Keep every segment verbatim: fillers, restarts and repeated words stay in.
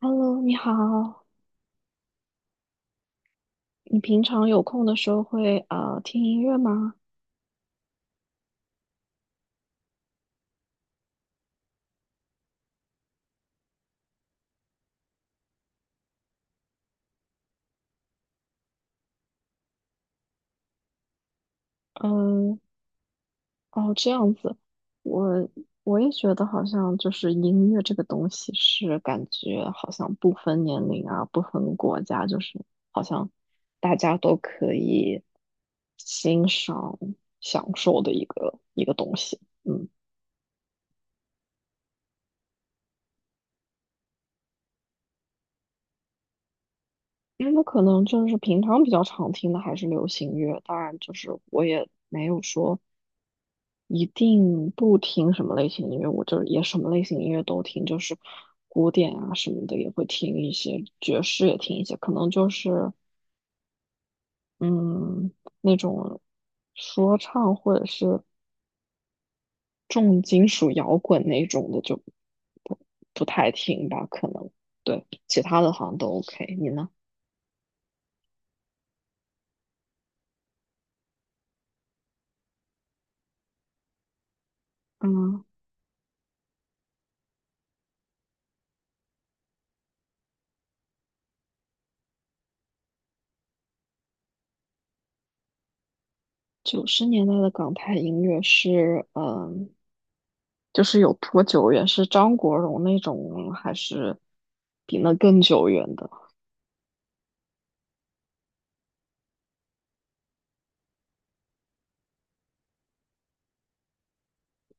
Hello，你好，你平常有空的时候会呃听音乐吗？嗯，哦，这样子，我我也觉得好像就是音乐这个东西是感觉好像不分年龄啊，不分国家，就是好像大家都可以欣赏享受的一个一个东西。嗯，因为我可能就是平常比较常听的还是流行乐，当然就是我也没有说。一定不听什么类型音乐，我就也什么类型音乐都听，就是古典啊什么的也会听一些，爵士也听一些，可能就是嗯那种说唱或者是重金属摇滚那种的就不不太听吧，可能对其他的好像都 OK。你呢？嗯。九十年代的港台音乐是，嗯，就是有多久远？是张国荣那种，还是比那更久远的？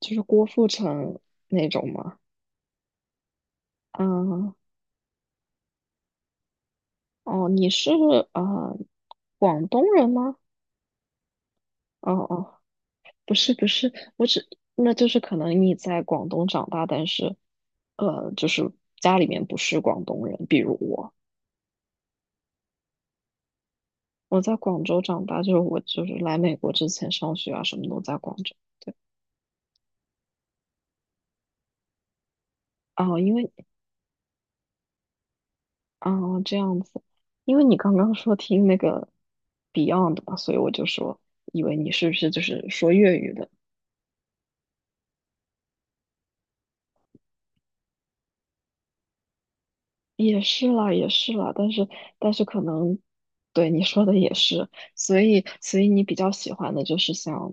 就是郭富城那种吗？嗯，哦，你是呃广东人吗？哦哦，不是不是，我只那就是可能你在广东长大，但是呃，就是家里面不是广东人，比如我，我在广州长大，就是我就是来美国之前上学啊，什么都在广州。对。哦，因为哦这样子，因为你刚刚说听那个 Beyond 嘛，所以我就说，以为你是不是就是说粤语的？也是啦，也是啦，但是但是可能，对你说的也是，所以所以你比较喜欢的就是像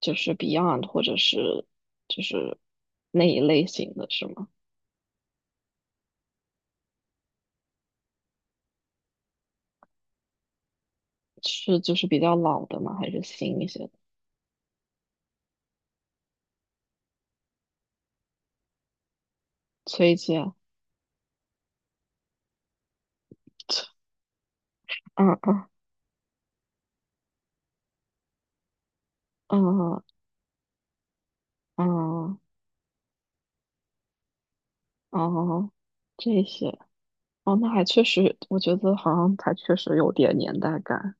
就是 Beyond 或者是就是那一类型的是吗？是就是比较老的吗？还是新一些的？崔健，嗯嗯嗯嗯哦，这些。哦，那还确实，我觉得好像还确实有点年代感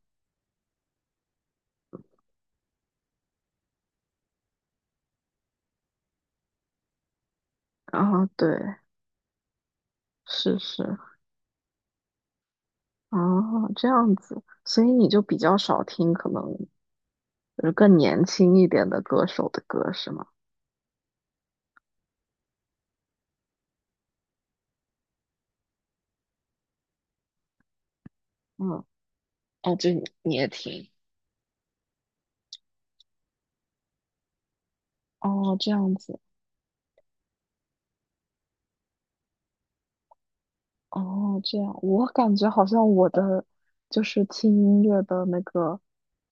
啊。对，是是啊，这样子，所以你就比较少听可能就是更年轻一点的歌手的歌，是吗？嗯，哦，就你你也听哦，这样子。哦，这样，我感觉好像我的就是听音乐的那个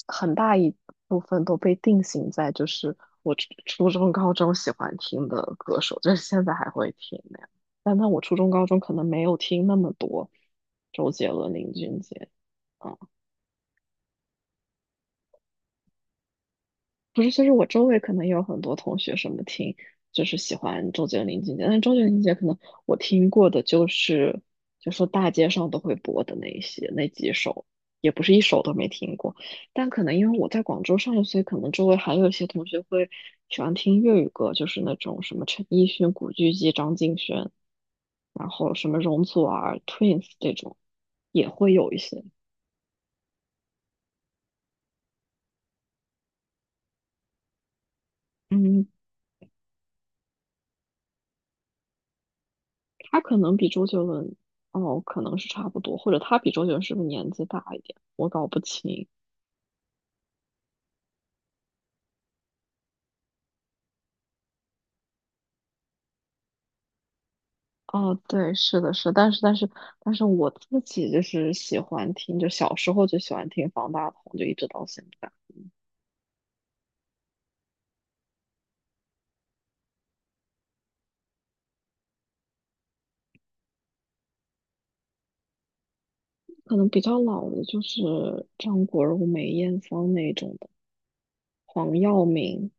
很大一部分都被定型在就是我初初中、高中喜欢听的歌手，就是现在还会听那样。但那我初中、高中可能没有听那么多周杰伦、林俊杰。嗯不是，就是我周围可能也有很多同学什么听，就是喜欢周杰伦、林俊杰，但周杰伦、林俊杰可能我听过的就是，就说大街上都会播的那一些那几首，也不是一首都没听过。但可能因为我在广州上学，所以可能周围还有一些同学会喜欢听粤语歌，就是那种什么陈奕迅、古巨基、张敬轩，然后什么容祖儿、Twins 这种，也会有一些。嗯，他可能比周杰伦，哦，可能是差不多，或者他比周杰伦是不是年纪大一点？我搞不清。哦，对，是的，是的但是但是但是我自己就是喜欢听，就小时候就喜欢听方大同，就一直到现在。可能比较老的就是张国荣、梅艳芳那种的，黄耀明。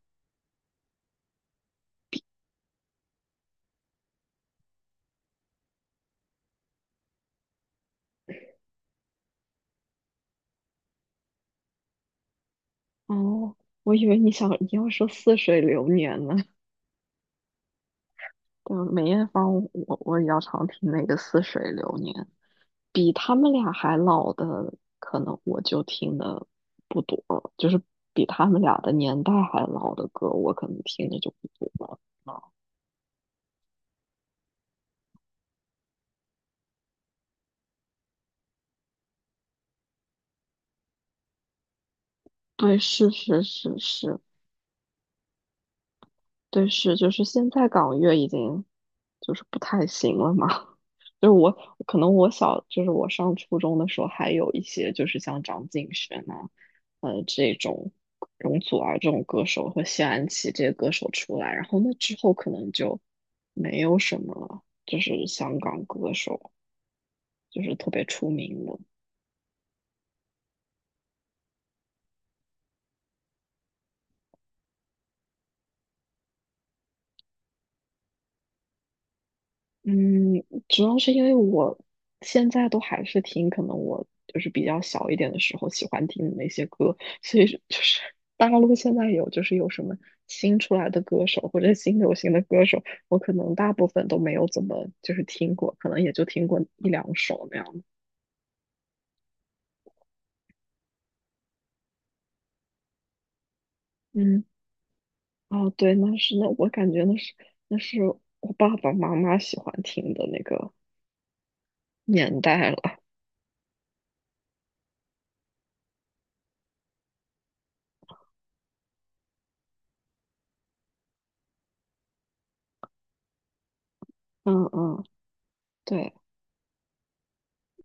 哦，我以为你想你要说《似水流年》呢。对，梅艳芳我，我也要常听那个《似水流年》。比他们俩还老的，可能我就听的不多了就是比他们俩的年代还老的歌，我可能听的就不多了。啊，对，是是是是，对是，就是现在港乐已经就是不太行了嘛。就是我可能我小就是我上初中的时候，还有一些就是像张敬轩啊，呃这种容祖儿这种歌手和谢安琪这些歌手出来，然后那之后可能就没有什么就是香港歌手就是特别出名的。嗯，主要是因为我现在都还是听，可能我就是比较小一点的时候喜欢听的那些歌，所以是就是大陆现在有就是有什么新出来的歌手或者新流行的歌手，我可能大部分都没有怎么就是听过，可能也就听过一两首那样的。嗯，哦，对，那是那我感觉那是那是我爸爸妈妈喜欢听的那个年代了。嗯嗯，对，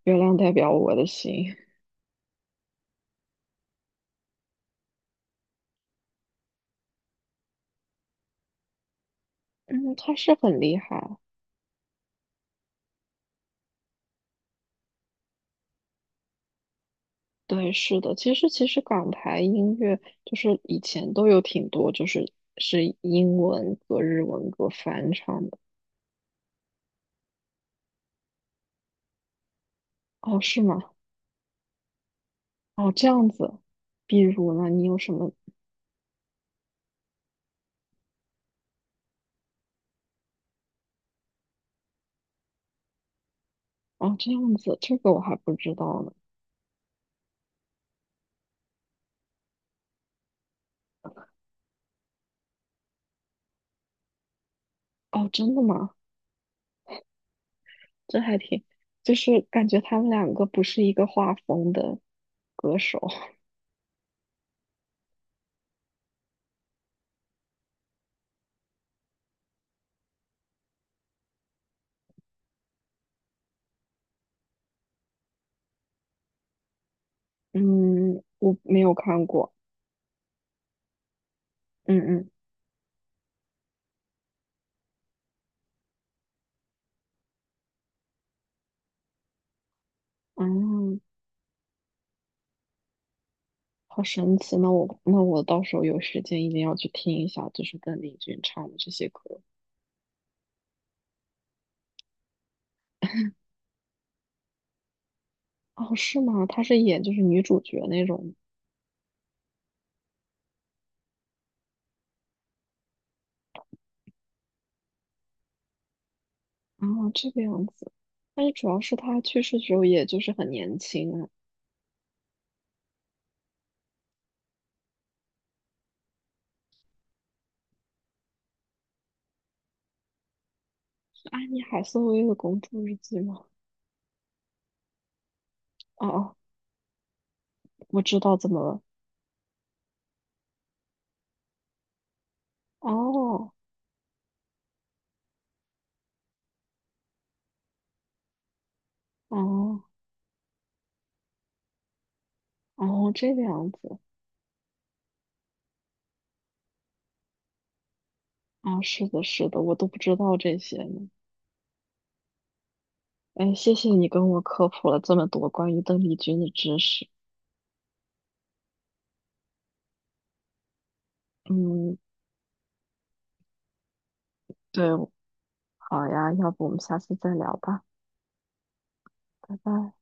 月亮代表我的心。嗯，他是很厉害。对，是的，其实其实港台音乐就是以前都有挺多，就是是英文歌、日文歌翻唱的。哦，是吗？哦，这样子。比如呢，你有什么？哦，这样子，这个我还不知道呢。哦，真的吗？这还挺，就是感觉他们两个不是一个画风的歌手。嗯，我没有看过。嗯嗯，哦。好神奇！那我那我到时候有时间一定要去听一下，就是邓丽君唱的这些歌。哦，是吗？她是演就是女主角那种啊，这个样子。但是主要是她去世的时候，也就是很年轻啊，是安妮海瑟薇的《公主日记》吗？哦哦，我知道怎么了。哦哦哦，这个样子啊，是的，是的，我都不知道这些呢。哎，谢谢你跟我科普了这么多关于邓丽君的知识。嗯，对，好呀，要不我们下次再聊吧，拜拜。